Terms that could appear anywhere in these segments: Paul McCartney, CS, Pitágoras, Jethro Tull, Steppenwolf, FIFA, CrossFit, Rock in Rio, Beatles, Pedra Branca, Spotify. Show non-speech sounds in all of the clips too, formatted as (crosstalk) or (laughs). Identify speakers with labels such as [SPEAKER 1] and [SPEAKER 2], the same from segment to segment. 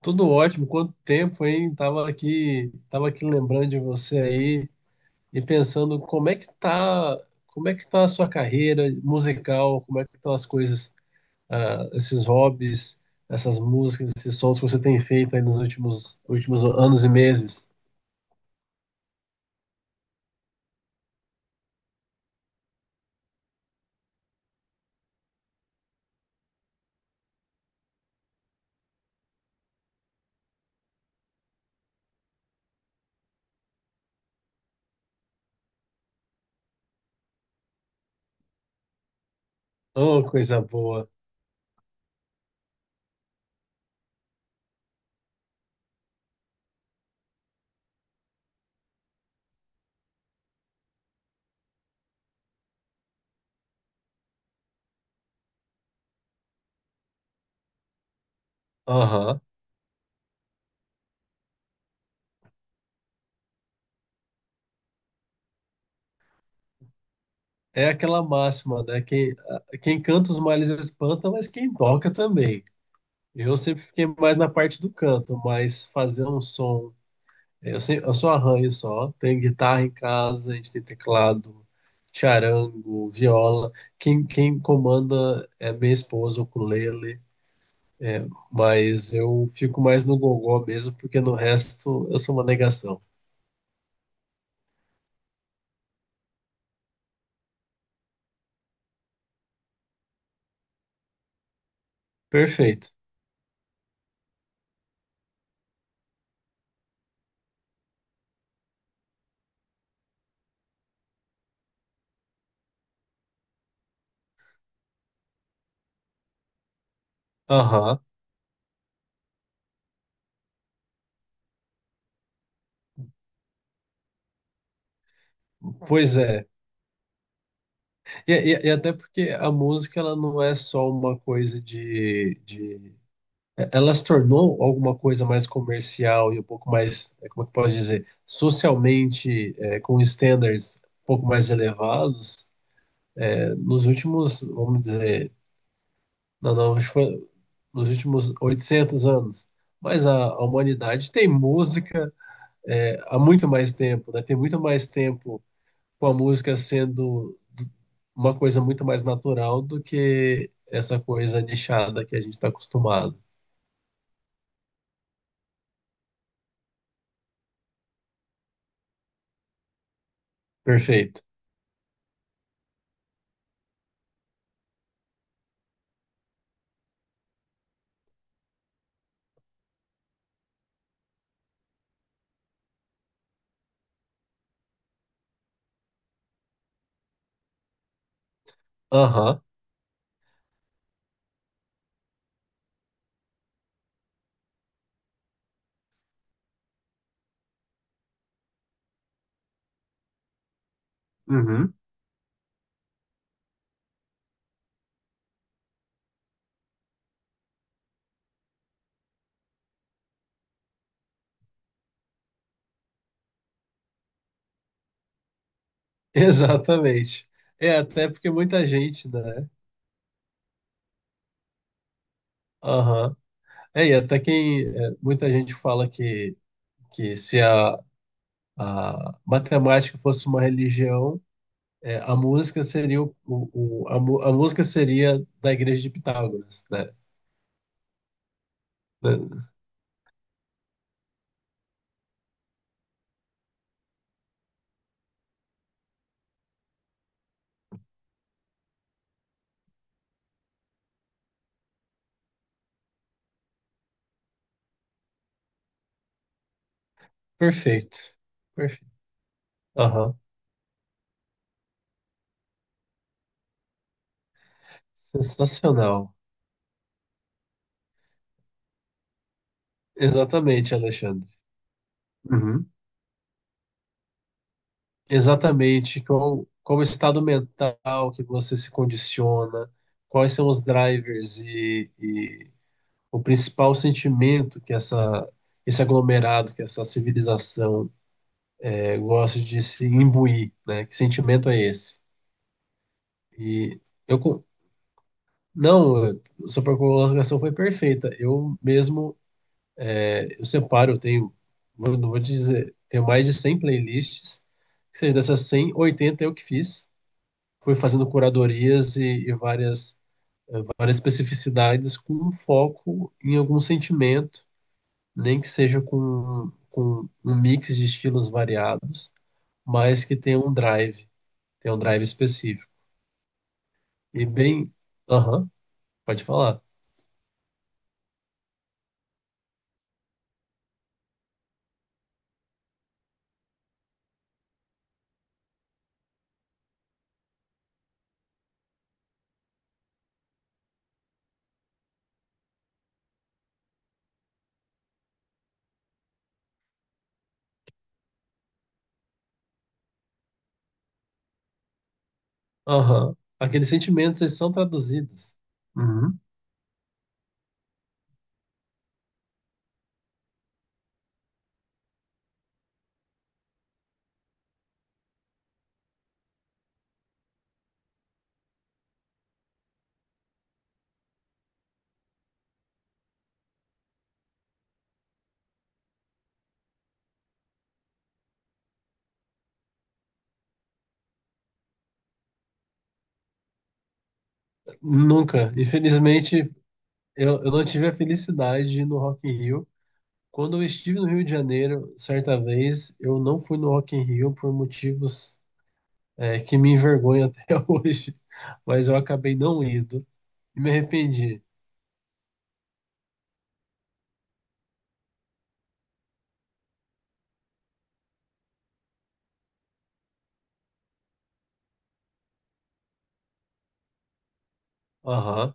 [SPEAKER 1] Tudo ótimo, quanto tempo, hein? Tava aqui lembrando de você aí e pensando como é que tá a sua carreira musical, como é que estão as coisas, esses hobbies, essas músicas, esses sons que você tem feito aí nos últimos anos e meses. Oh, coisa boa. Aham. É aquela máxima, né? Quem canta os males espanta, mas quem toca também. Eu sempre fiquei mais na parte do canto, mas fazer um som. Eu só arranho só. Tenho guitarra em casa, a gente tem teclado, charango, viola. Quem comanda é minha esposa, o ukulele. Mas eu fico mais no gogó mesmo, porque no resto eu sou uma negação. Perfeito. Aham. Pois é. E até porque a música ela não é só uma coisa de. Ela se tornou alguma coisa mais comercial e um pouco mais, como é que eu posso dizer, socialmente, com standards um pouco mais elevados, nos últimos, vamos dizer, não, não, acho que foi nos últimos 800 anos. Mas a humanidade tem música, há muito mais tempo, né? Tem muito mais tempo com a música sendo uma coisa muito mais natural do que essa coisa nichada que a gente está acostumado. Perfeito. Aham. Uhum. (laughs) Exatamente. É, até porque muita gente, né? Aham. Muita gente fala que, se a matemática fosse uma religião, a música seria da igreja de Pitágoras, né? Da- Perfeito. Perfeito. Aham. Sensacional. Exatamente, Alexandre. Uhum. Exatamente, qual o estado mental que você se condiciona, quais são os drivers e o principal sentimento que essa, esse aglomerado, que essa civilização gosta de se imbuir, né? Que sentimento é esse? E eu, co- não, sua colocação foi perfeita. Eu mesmo, eu separo, eu tenho, não vou dizer, tenho mais de 100 playlists, que seja dessas 100, 80 eu que fiz. Fui fazendo curadorias e, várias, várias especificidades com um foco em algum sentimento, nem que seja com um mix de estilos variados, mas que tenha um drive específico. E bem, aham, pode falar. Aham, aqueles sentimentos eles são traduzidos. Uhum. Nunca, infelizmente, eu não tive a felicidade de ir no Rock in Rio. Quando eu estive no Rio de Janeiro, certa vez, eu não fui no Rock in Rio por motivos que me envergonha até (laughs) hoje, mas eu acabei não indo e me arrependi. Aham,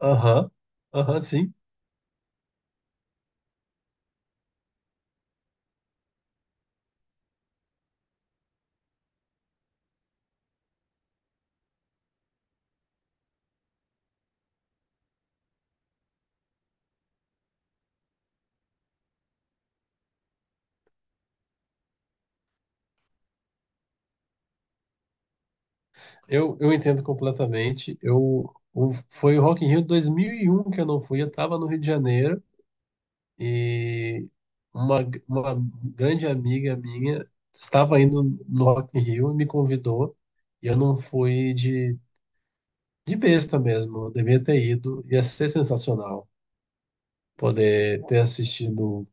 [SPEAKER 1] aham, aham, sim. Eu entendo completamente. Foi o Rock in Rio 2001 que eu não fui, eu estava no Rio de Janeiro e uma, uma grande amiga minha estava indo no Rock in Rio e me convidou e eu não fui de besta mesmo, eu devia ter ido, ia ser sensacional poder ter assistido,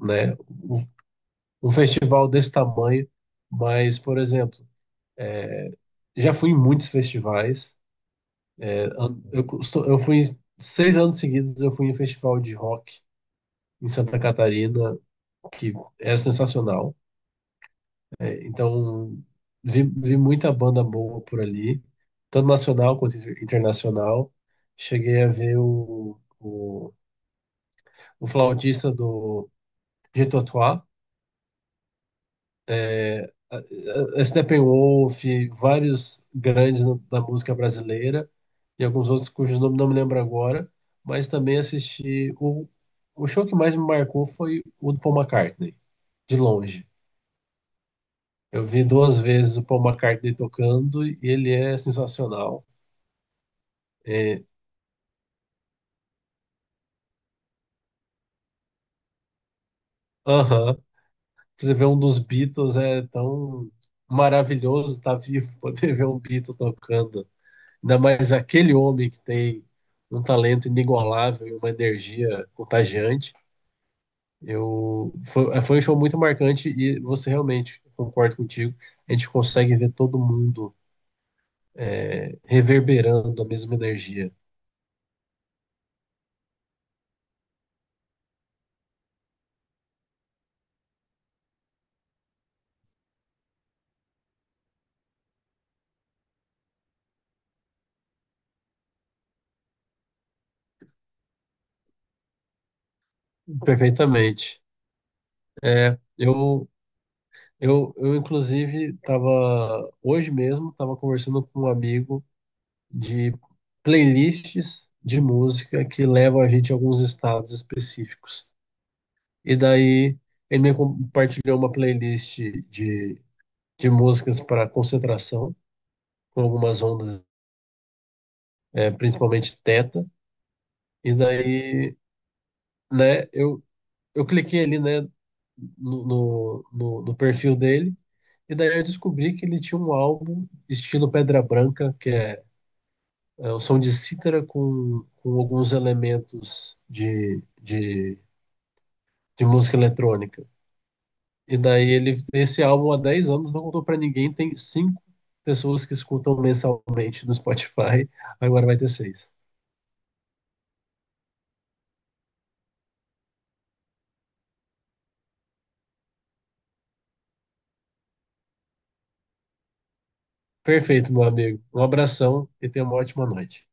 [SPEAKER 1] né, o um festival desse tamanho, mas, por exemplo, já fui em muitos festivais. Eu, costu- eu fui em- 6 anos seguidos, eu fui em um festival de rock em Santa Catarina, que era sensacional. É, então, vi muita banda boa por ali, tanto nacional quanto internacional. Cheguei a ver o flautista do Jethro Tull, a Steppenwolf, vários grandes da música brasileira e alguns outros cujos nomes não me lembro agora, mas também assisti o show que mais me marcou foi o do Paul McCartney, de longe. Eu vi duas vezes o Paul McCartney tocando e ele é sensacional. É, aham, você vê um dos Beatles é tão maravilhoso estar vivo, (laughs) poder ver um Beatle tocando. Ainda mais aquele homem que tem um talento inigualável e uma energia contagiante. Foi um show muito marcante e você realmente, concordo contigo, a gente consegue ver todo mundo reverberando a mesma energia perfeitamente. É, eu, inclusive, estava hoje mesmo, estava conversando com um amigo de playlists de música que levam a gente a alguns estados específicos. E daí ele me compartilhou uma playlist de, de músicas para concentração, com algumas ondas, principalmente teta. E daí, né, eu cliquei ali, né, no perfil dele. E daí eu descobri que ele tinha um álbum estilo Pedra Branca, que é o som de cítara com alguns elementos de música eletrônica. E daí ele, esse álbum há 10 anos não contou pra ninguém, tem cinco pessoas que escutam mensalmente no Spotify, agora vai ter seis. Perfeito, meu amigo. Um abração e tenha uma ótima noite.